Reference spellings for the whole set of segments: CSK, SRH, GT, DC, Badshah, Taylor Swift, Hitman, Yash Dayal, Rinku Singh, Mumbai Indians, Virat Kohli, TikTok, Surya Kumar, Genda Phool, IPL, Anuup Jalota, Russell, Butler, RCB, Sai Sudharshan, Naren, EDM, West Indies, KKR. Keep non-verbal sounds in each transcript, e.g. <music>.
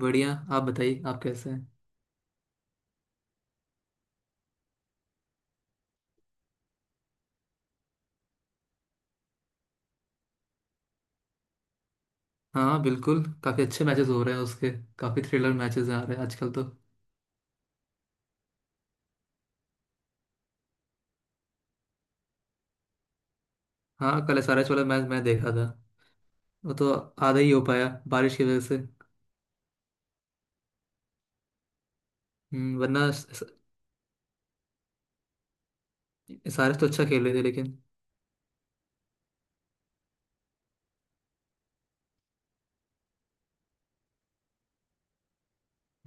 बढ़िया। आप बताइए आप कैसे हैं। हाँ बिल्कुल, काफी अच्छे मैचेस हो रहे हैं उसके। काफी थ्रिलर मैचेस आ रहे हैं आजकल तो। हाँ, कल एसआरएच वाला मैच मैं देखा था। वो तो आधा ही हो पाया बारिश की वजह से। वरना एसआरएच तो अच्छा खेल रहे थे लेकिन।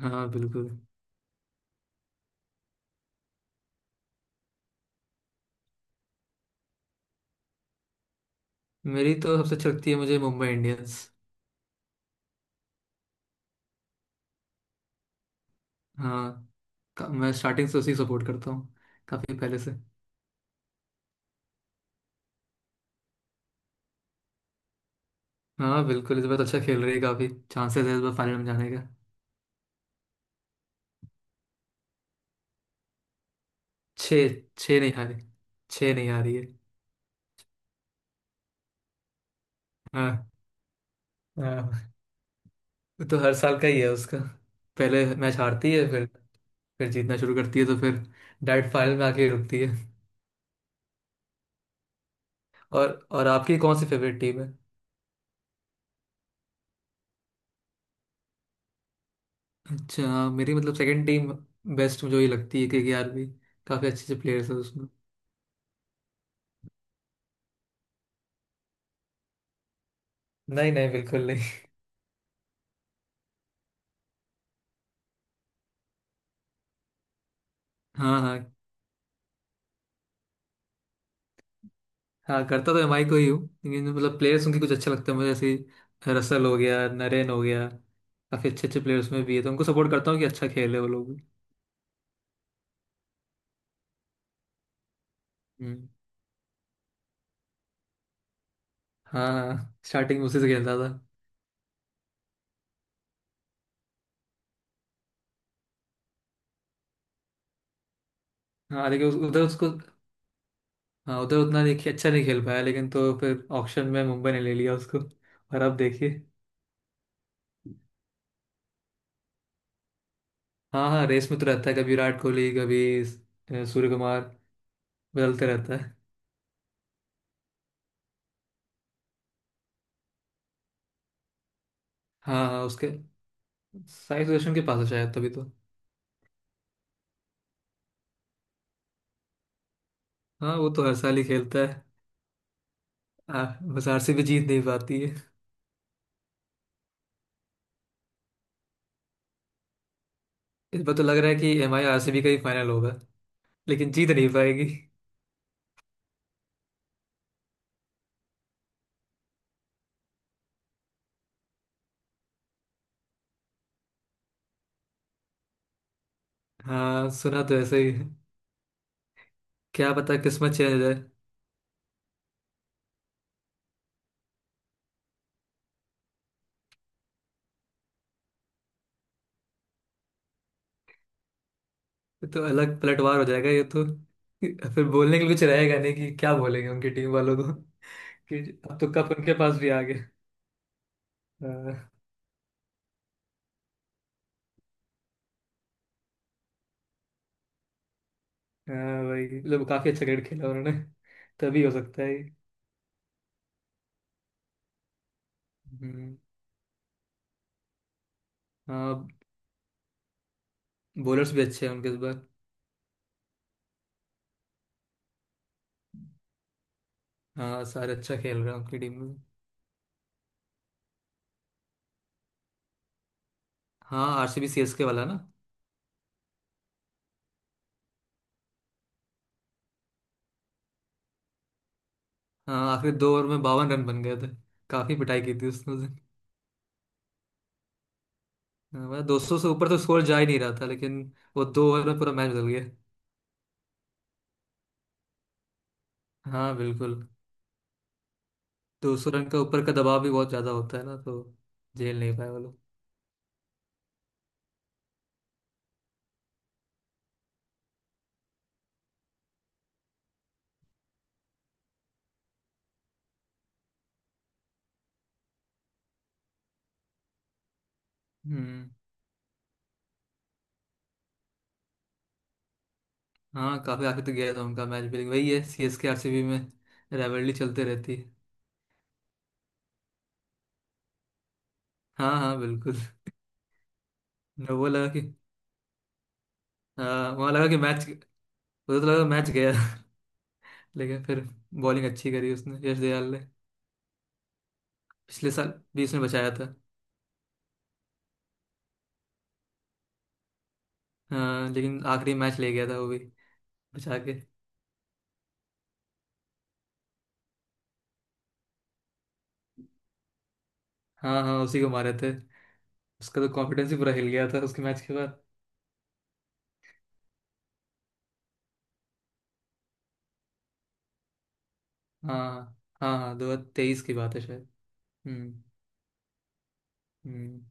हाँ बिल्कुल। मेरी तो सबसे अच्छी लगती है मुझे मुंबई इंडियंस। हाँ। मैं स्टार्टिंग से उसी सपोर्ट करता हूँ। काफी पहले से। हाँ बिल्कुल, इस बार तो अच्छा खेल रही है, काफी चांसेस है इस बार फाइनल में जाने का। छः। छः नहीं हारी। छः नहीं हारी है। हाँ हाँ। वो तो हर साल का ही है उसका। पहले मैच हारती है फिर। फिर जीतना शुरू करती है, तो फिर डायरेक्ट फाइनल में आके रुकती है। और आपकी कौन सी फेवरेट टीम है। अच्छा, मेरी मतलब सेकंड टीम बेस्ट मुझे ये लगती है केकेआर भी। काफी अच्छे अच्छे प्लेयर्स हैं उसमें। नहीं नहीं बिल्कुल नहीं। हाँ हाँ। हाँ, करता तो एमआई को ही हूँ, लेकिन मतलब प्लेयर्स उनके कुछ अच्छा लगता है मुझे, जैसे रसल हो गया, नरेन हो गया। काफी अच्छे अच्छे प्लेयर्स में भी है, तो उनको सपोर्ट करता हूँ कि अच्छा खेल है वो लोग भी। हम्म। हाँ हाँ, स्टार्टिंग में उसी से खेलता था। हाँ, लेकिन उधर उसको। हाँ, उधर उतना देखिए अच्छा नहीं खेल पाया लेकिन, तो फिर ऑक्शन में मुंबई ने ले लिया उसको, और अब देखिए। हाँ हाँ, रेस में तो रहता है, कभी विराट कोहली कभी सूर्य कुमार। बदलते रहता है। हाँ हाँ उसके, साई सुदर्शन के पास है शायद, तभी तो। हाँ, वो तो हर साल ही खेलता है। आ, बस आरसीबी जीत नहीं पाती है। इस बार तो लग रहा है कि एम आई आरसीबी का ही फाइनल होगा, लेकिन जीत नहीं पाएगी। हाँ, सुना तो ऐसा ही है। क्या पता किस्मत चेंज हो जाए। ये तो अलग पलटवार हो जाएगा ये तो। फिर बोलने के लिए कुछ रहेगा नहीं कि क्या बोलेंगे उनकी टीम वालों को। कि अब तो कप उनके पास भी आ गया। हाँ। हाँ भाई, लोग काफी अच्छा क्रिकेट खेला उन्होंने। तभी हो सकता है ये। हम्म। हाँ, बॉलर्स भी अच्छे हैं उनके इस बार। हाँ, सारे अच्छा खेल रहे हैं उनकी टीम में। हाँ, आरसीबी सीएसके वाला ना। हाँ, आखिरी 2 ओवर में 52 रन बन गए थे। काफी पिटाई की थी उसने उस दिन। हाँ, मतलब 200 से ऊपर तो स्कोर जा ही नहीं रहा था, लेकिन वो 2 ओवर में पूरा मैच बदल गया। हाँ बिल्कुल। तो उस रन का ऊपर का दबाव भी बहुत ज्यादा होता है ना, तो झेल नहीं पाए वो लोग। हम्म। हाँ, काफी आगे तो गया था उनका मैच भी, वही है C S K R C B में राइवलरी चलते रहती है। हाँ हाँ बिल्कुल। न वो लगा कि। हाँ, वहाँ लगा कि मैच मुझे। तो लगा मैच गया। <laughs> लेकिन फिर बॉलिंग अच्छी करी उसने, यश दयाल ने। पिछले साल भी उसने बचाया था। हाँ, लेकिन आखिरी मैच ले गया था वो भी, बचा के। हाँ हाँ, उसी को मारे थे। उसका तो कॉन्फिडेंस ही पूरा हिल गया था उसके मैच के बाद। हाँ हाँ। हाँ, 2023 की बात है शायद। हम्म। हम्म।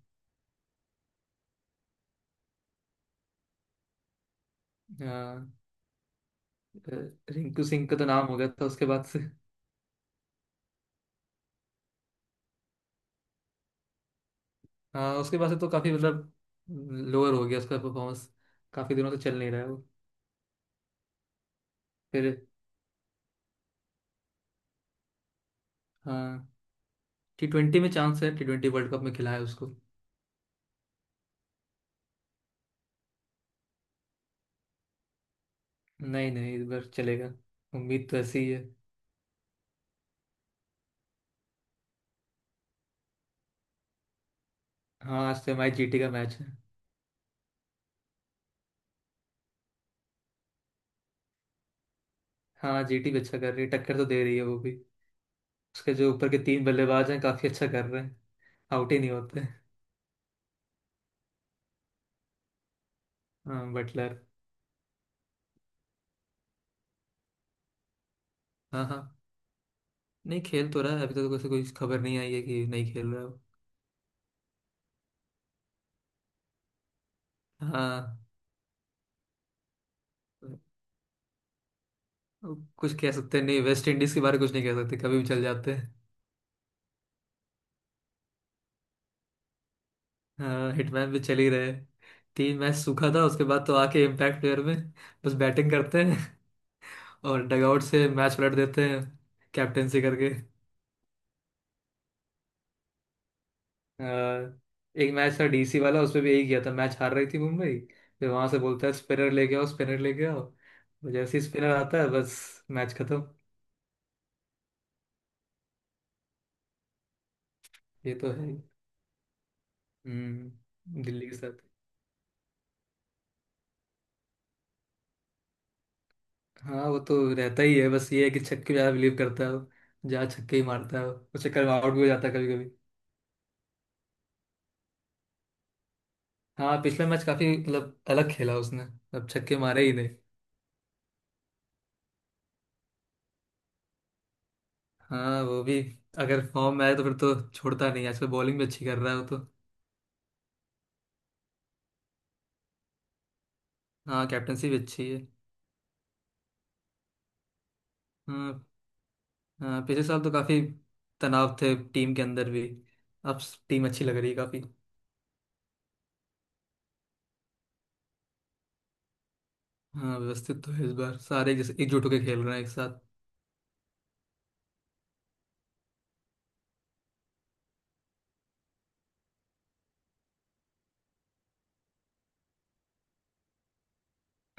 हाँ, अ, रिंकू सिंह का तो नाम हो गया था उसके बाद से। हाँ, उसके बाद से तो काफी मतलब लोअर हो गया उसका परफॉर्मेंस। काफी दिनों से चल नहीं रहा है वो। फिर। हाँ, टी ट्वेंटी में चांस है, टी ट्वेंटी वर्ल्ड कप में खिलाया उसको। नहीं नहीं, इस बार चलेगा। उम्मीद तो ऐसी ही है। हाँ, आज तो हमारी जीटी का मैच है। हाँ, जीटी भी अच्छा कर रही है, टक्कर तो दे रही है वो भी। उसके जो ऊपर के 3 बल्लेबाज हैं काफी अच्छा कर रहे हैं, आउट ही नहीं होते। हाँ, बटलर। हाँ हाँ, नहीं खेल तो रहा है, अभी तक तो कोई कोई खबर नहीं आई है कि नहीं खेल रहा है वो। हाँ, कुछ कह सकते हैं नहीं, वेस्ट इंडीज के बारे में कुछ नहीं कह सकते, कभी भी चल जाते हैं। हाँ, हिटमैन भी चल ही रहे। 3 मैच सूखा था उसके बाद, तो आके इम्पैक्ट प्लेयर में बस बैटिंग करते हैं और डगआउट से मैच पलट देते हैं कैप्टेंसी करके। हाँ, एक मैच था डीसी वाला, उसमें भी यही किया था, मैच हार रही थी मुंबई, फिर वहां से बोलता है स्पिनर लेके आओ स्पिनर लेके आओ, तो जैसे ही स्पिनर आता है बस मैच खत्म। ये तो है ही। दिल्ली के साथ। हाँ, वो तो रहता ही है, बस ये है कि छक्के ज्यादा बिलीव करता है वो, ज्यादा छक्के ही मारता है वो चक्कर में आउट भी हो जाता है कभी कभी। हाँ, पिछला मैच काफी मतलब अलग खेला उसने। अब छक्के मारे ही नहीं। हाँ, वो भी अगर फॉर्म में आए तो फिर तो छोड़ता नहीं, आजकल बॉलिंग भी अच्छी कर रहा है वो तो। हाँ, कैप्टनसी भी अच्छी है। हाँ हाँ, पिछले साल तो काफी तनाव थे टीम के अंदर भी। अब टीम अच्छी लग रही है काफी। हाँ, व्यवस्थित तो है इस बार, सारे जैसे एकजुट होकर खेल रहे हैं एक साथ।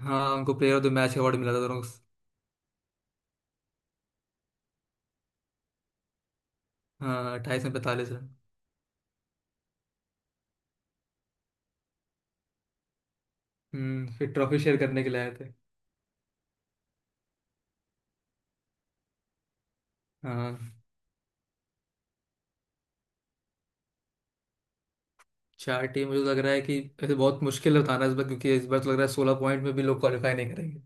हाँ, उनको player of the match award मिला था दोनों को। हाँ, 28 में 45 रन। फिर ट्रॉफी शेयर करने के लिए आए थे। हाँ, 4 टीम मुझे तो लग रहा है कि ऐसे बहुत मुश्किल है बताना इस बार, क्योंकि इस बार तो लग रहा है 16 पॉइंट में भी लोग क्वालिफाई नहीं करेंगे।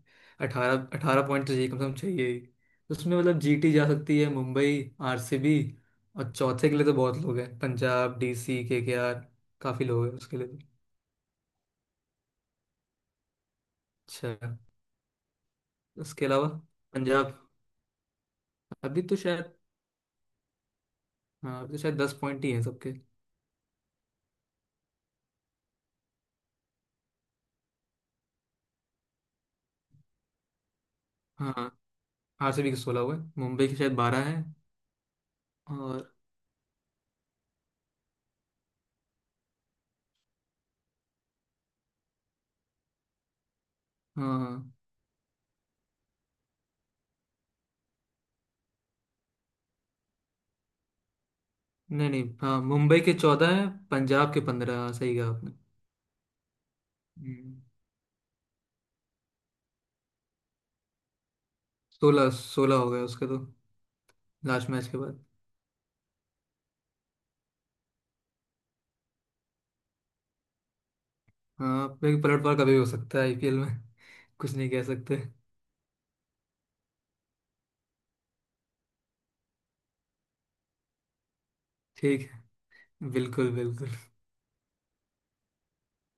18 18 पॉइंट तो चाहिए, कम से कम चाहिए ही। उसमें मतलब जीटी जा सकती है, मुंबई, आरसीबी, और चौथे के लिए तो बहुत लोग हैं, पंजाब डीसी केकेआर, काफ़ी लोग हैं उसके लिए तो। अच्छा, उसके अलावा पंजाब। अभी तो शायद। हाँ, अभी तो शायद 10 पॉइंट ही हैं सबके। हाँ, आरसीबी के 16 हुए। मुंबई के शायद 12 हैं। और। हाँ। नहीं नहीं, हाँ, मुंबई के 14 है, पंजाब के 15, हाँ सही कहा आपने। हम्म, 16 16 हो गए उसके तो, लास्ट मैच के बाद। हाँ भाई, पलटवार कभी हो सकता है आईपीएल में, कुछ नहीं कह सकते। ठीक है, बिल्कुल बिल्कुल।